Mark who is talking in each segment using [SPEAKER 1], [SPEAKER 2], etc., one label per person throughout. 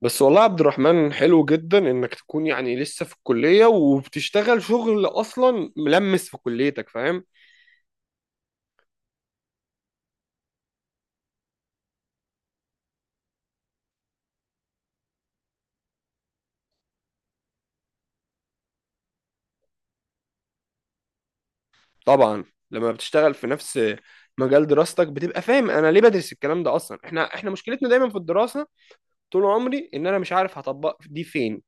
[SPEAKER 1] بس والله يا عبد الرحمن، حلو جدا انك تكون يعني لسه في الكلية وبتشتغل شغل اصلا ملمس في كليتك. فاهم؟ طبعا. لما بتشتغل في نفس مجال دراستك بتبقى فاهم انا ليه بدرس الكلام ده اصلا. احنا مشكلتنا دايما في الدراسة، طول عمري ان انا مش عارف هطبق دي فين.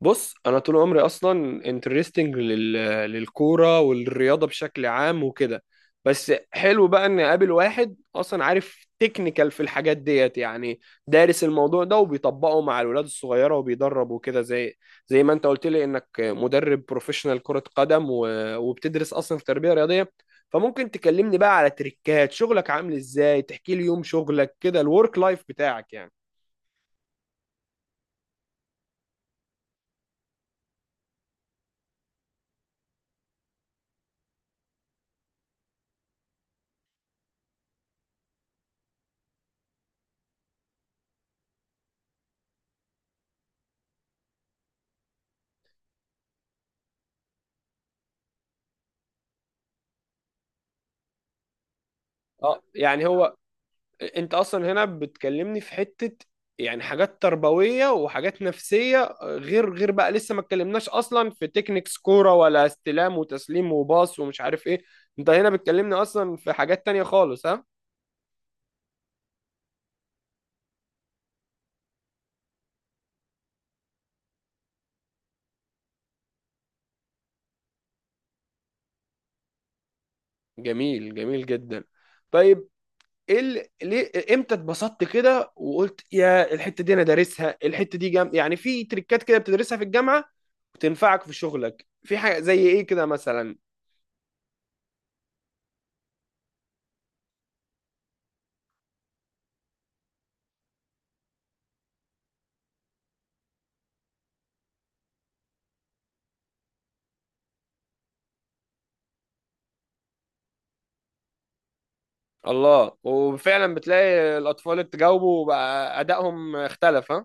[SPEAKER 1] بص، انا طول عمري اصلا انترستنج للكوره والرياضه بشكل عام وكده. بس حلو بقى ان اقابل واحد اصلا عارف تكنيكال في الحاجات ديت، يعني دارس الموضوع ده وبيطبقه مع الولاد الصغيره وبيدرب وكده، زي ما انت قلت لي انك مدرب بروفيشنال كره قدم وبتدرس اصلا في تربيه رياضيه. فممكن تكلمني بقى على تريكات شغلك، عامل ازاي؟ تحكي لي يوم شغلك كده، الورك لايف بتاعك يعني. اه يعني هو انت اصلا هنا بتكلمني في حتة يعني حاجات تربوية وحاجات نفسية، غير بقى لسه ما اتكلمناش اصلا في تكنيكس كورة ولا استلام وتسليم وباص ومش عارف ايه. انت هنا بتكلمني اصلا في حاجات تانية خالص، ها؟ جميل، جميل جدا. طيب، ايه ليه، امتى اتبسطت كده وقلت يا الحتة دي انا دارسها، الحتة دي جام يعني في تريكات كده بتدرسها في الجامعة وتنفعك في شغلك؟ في حاجة زي ايه كده مثلا؟ الله، وفعلا بتلاقي الأطفال اللي تجاوبوا بقى أدائهم اختلف، ها؟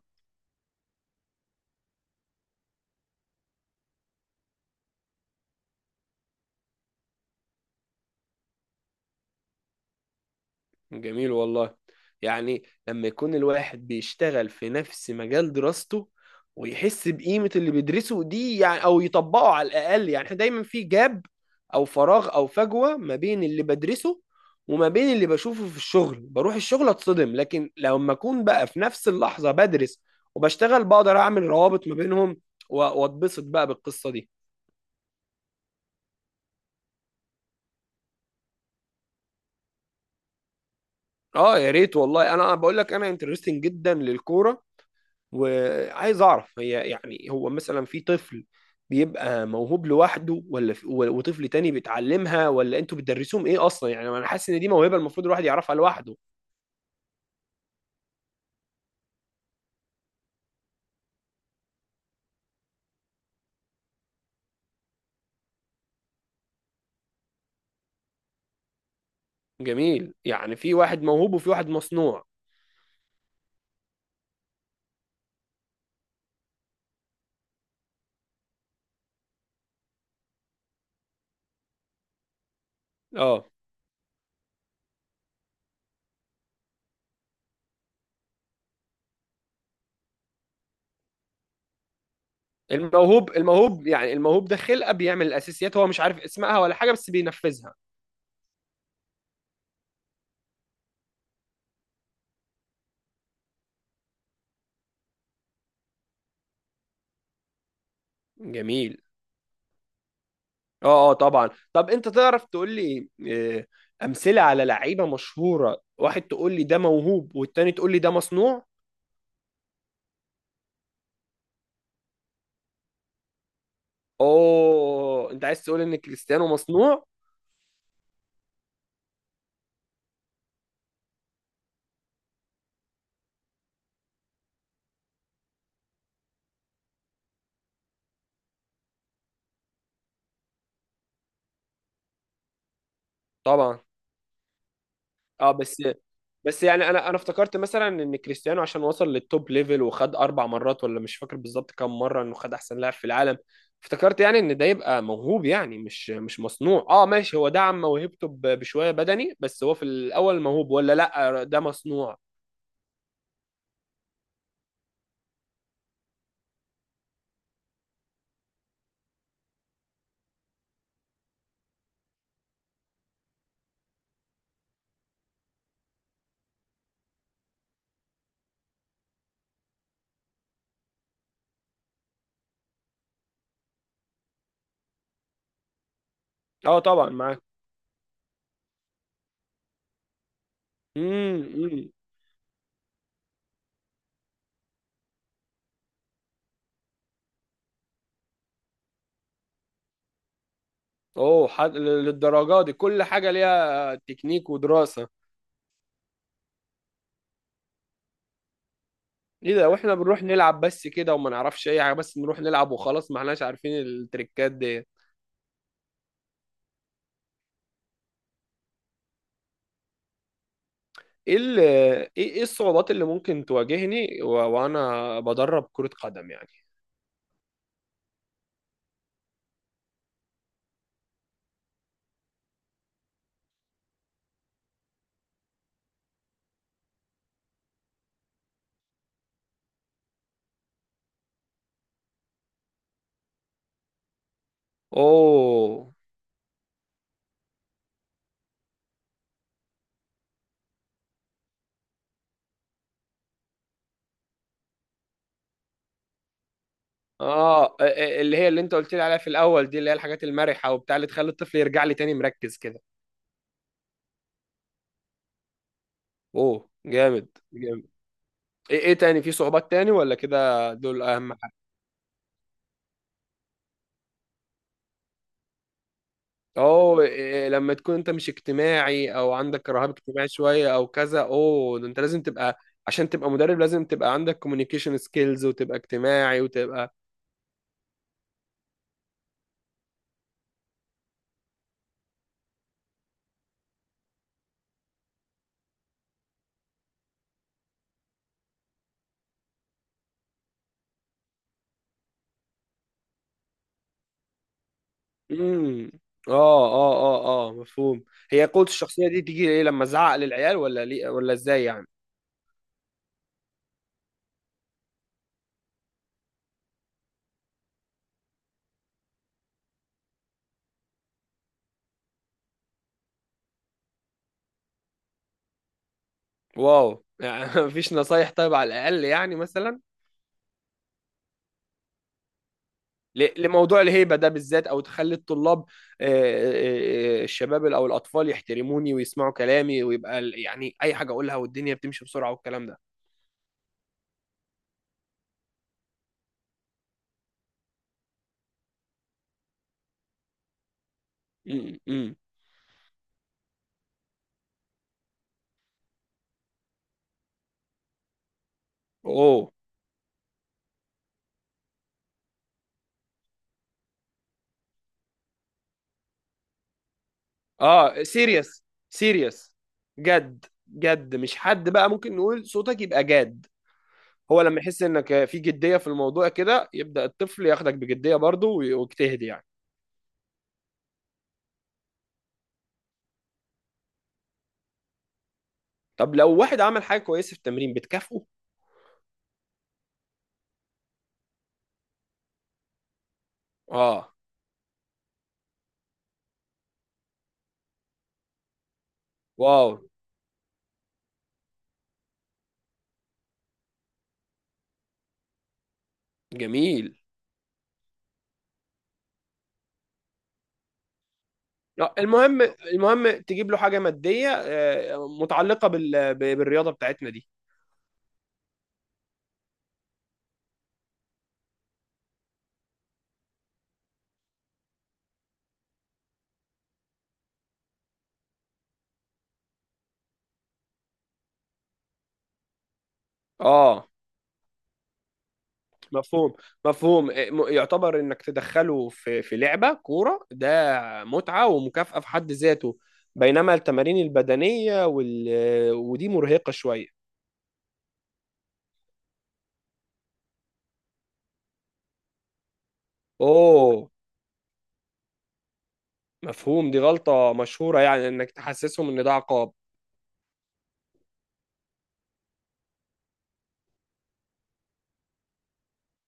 [SPEAKER 1] جميل والله. يعني لما يكون الواحد بيشتغل في نفس مجال دراسته ويحس بقيمة اللي بيدرسه دي يعني، أو يطبقه على الأقل. يعني احنا دايما في جاب أو فراغ أو فجوة ما بين اللي بدرسه وما بين اللي بشوفه في الشغل. بروح الشغل أتصدم، لكن لما أكون بقى في نفس اللحظة بدرس وبشتغل بقدر أعمل روابط ما بينهم، و- وأتبسط بقى بالقصة دي. اه يا ريت والله، انا بقول لك انا انترستنج جدا للكوره، وعايز اعرف، هي يعني هو مثلا في طفل بيبقى موهوب لوحده، ولا في وطفل تاني بيتعلمها، ولا انتوا بتدرسوهم ايه اصلا؟ يعني انا حاسس ان دي موهبه المفروض الواحد يعرفها لوحده. جميل، يعني في واحد موهوب وفي واحد مصنوع. اه، الموهوب يعني الموهوب ده خلقه بيعمل الاساسيات، هو مش عارف اسمها ولا حاجه بس بينفذها. جميل. اه، اه طبعا. طب انت تعرف تقول لي، امثله على لعيبه مشهوره، واحد تقول لي ده موهوب والتاني تقول لي ده مصنوع؟ اوه، انت عايز تقول ان كريستيانو مصنوع؟ طبعا. اه، بس، يعني انا افتكرت مثلا ان كريستيانو عشان وصل للتوب ليفل وخد 4 مرات، ولا مش فاكر بالظبط كام مره، انه خد احسن لاعب في العالم. افتكرت يعني ان ده يبقى موهوب، يعني مش مصنوع. اه ماشي، هو دعم موهبته بشويه بدني بس، هو في الاول موهوب ولا لا، ده مصنوع؟ اه طبعا، معاك. امم. امم. اوه للدرجه دي كل حاجه ليها تكنيك ودراسه؟ ايه ده، واحنا بنروح نلعب بس كده وما نعرفش اي حاجه، بس نروح نلعب وخلاص، ما احناش عارفين التريكات دي. ايه، إيه، الصعوبات اللي ممكن تواجهني وانا بدرب كرة قدم يعني؟ اوه. اه، اللي هي اللي انت قلت لي عليها في الاول دي، اللي هي الحاجات المرحه وبتاع اللي تخلي الطفل يرجع لي تاني مركز كده. اوه جامد. جامد. ايه تاني، في صعوبات تاني ولا كده دول اهم؟ اه، لما تكون انت مش اجتماعي او عندك رهاب اجتماعي شويه او كذا، اوه ده انت لازم تبقى. عشان تبقى مدرب لازم تبقى عندك كوميونيكيشن سكيلز وتبقى اجتماعي وتبقى. امم. اه. اه. اه. اه، مفهوم. هي قوة الشخصية دي تيجي ايه، لما ازعق للعيال ولا ليه ولا ازاي يعني؟ واو، يعني مفيش نصايح طيب؟ على الاقل يعني مثلا، لموضوع الهيبة ده بالذات، أو تخلي الطلاب، الشباب أو الأطفال يحترموني ويسمعوا كلامي، ويبقى يعني أي حاجة أقولها والدنيا بتمشي بسرعة والكلام ده. م- م. أوه. أه سيريس. سيريس. جد جد، مش حد بقى، ممكن نقول صوتك يبقى جاد. هو لما يحس إنك في جدية في الموضوع كده يبدأ الطفل ياخدك بجدية برضه، ويجتهد يعني. طب لو واحد عمل حاجة كويسة في التمرين بتكافئه؟ أه. واو. جميل. آه، المهم المهم تجيب له حاجه ماديه، متعلقه بالرياضه بتاعتنا دي. اه مفهوم. مفهوم، يعتبر انك تدخله في لعبه كوره، ده متعه ومكافاه في حد ذاته. بينما التمارين البدنيه ودي مرهقه شويه. اوه مفهوم. دي غلطه مشهوره، يعني انك تحسسهم ان ده عقاب.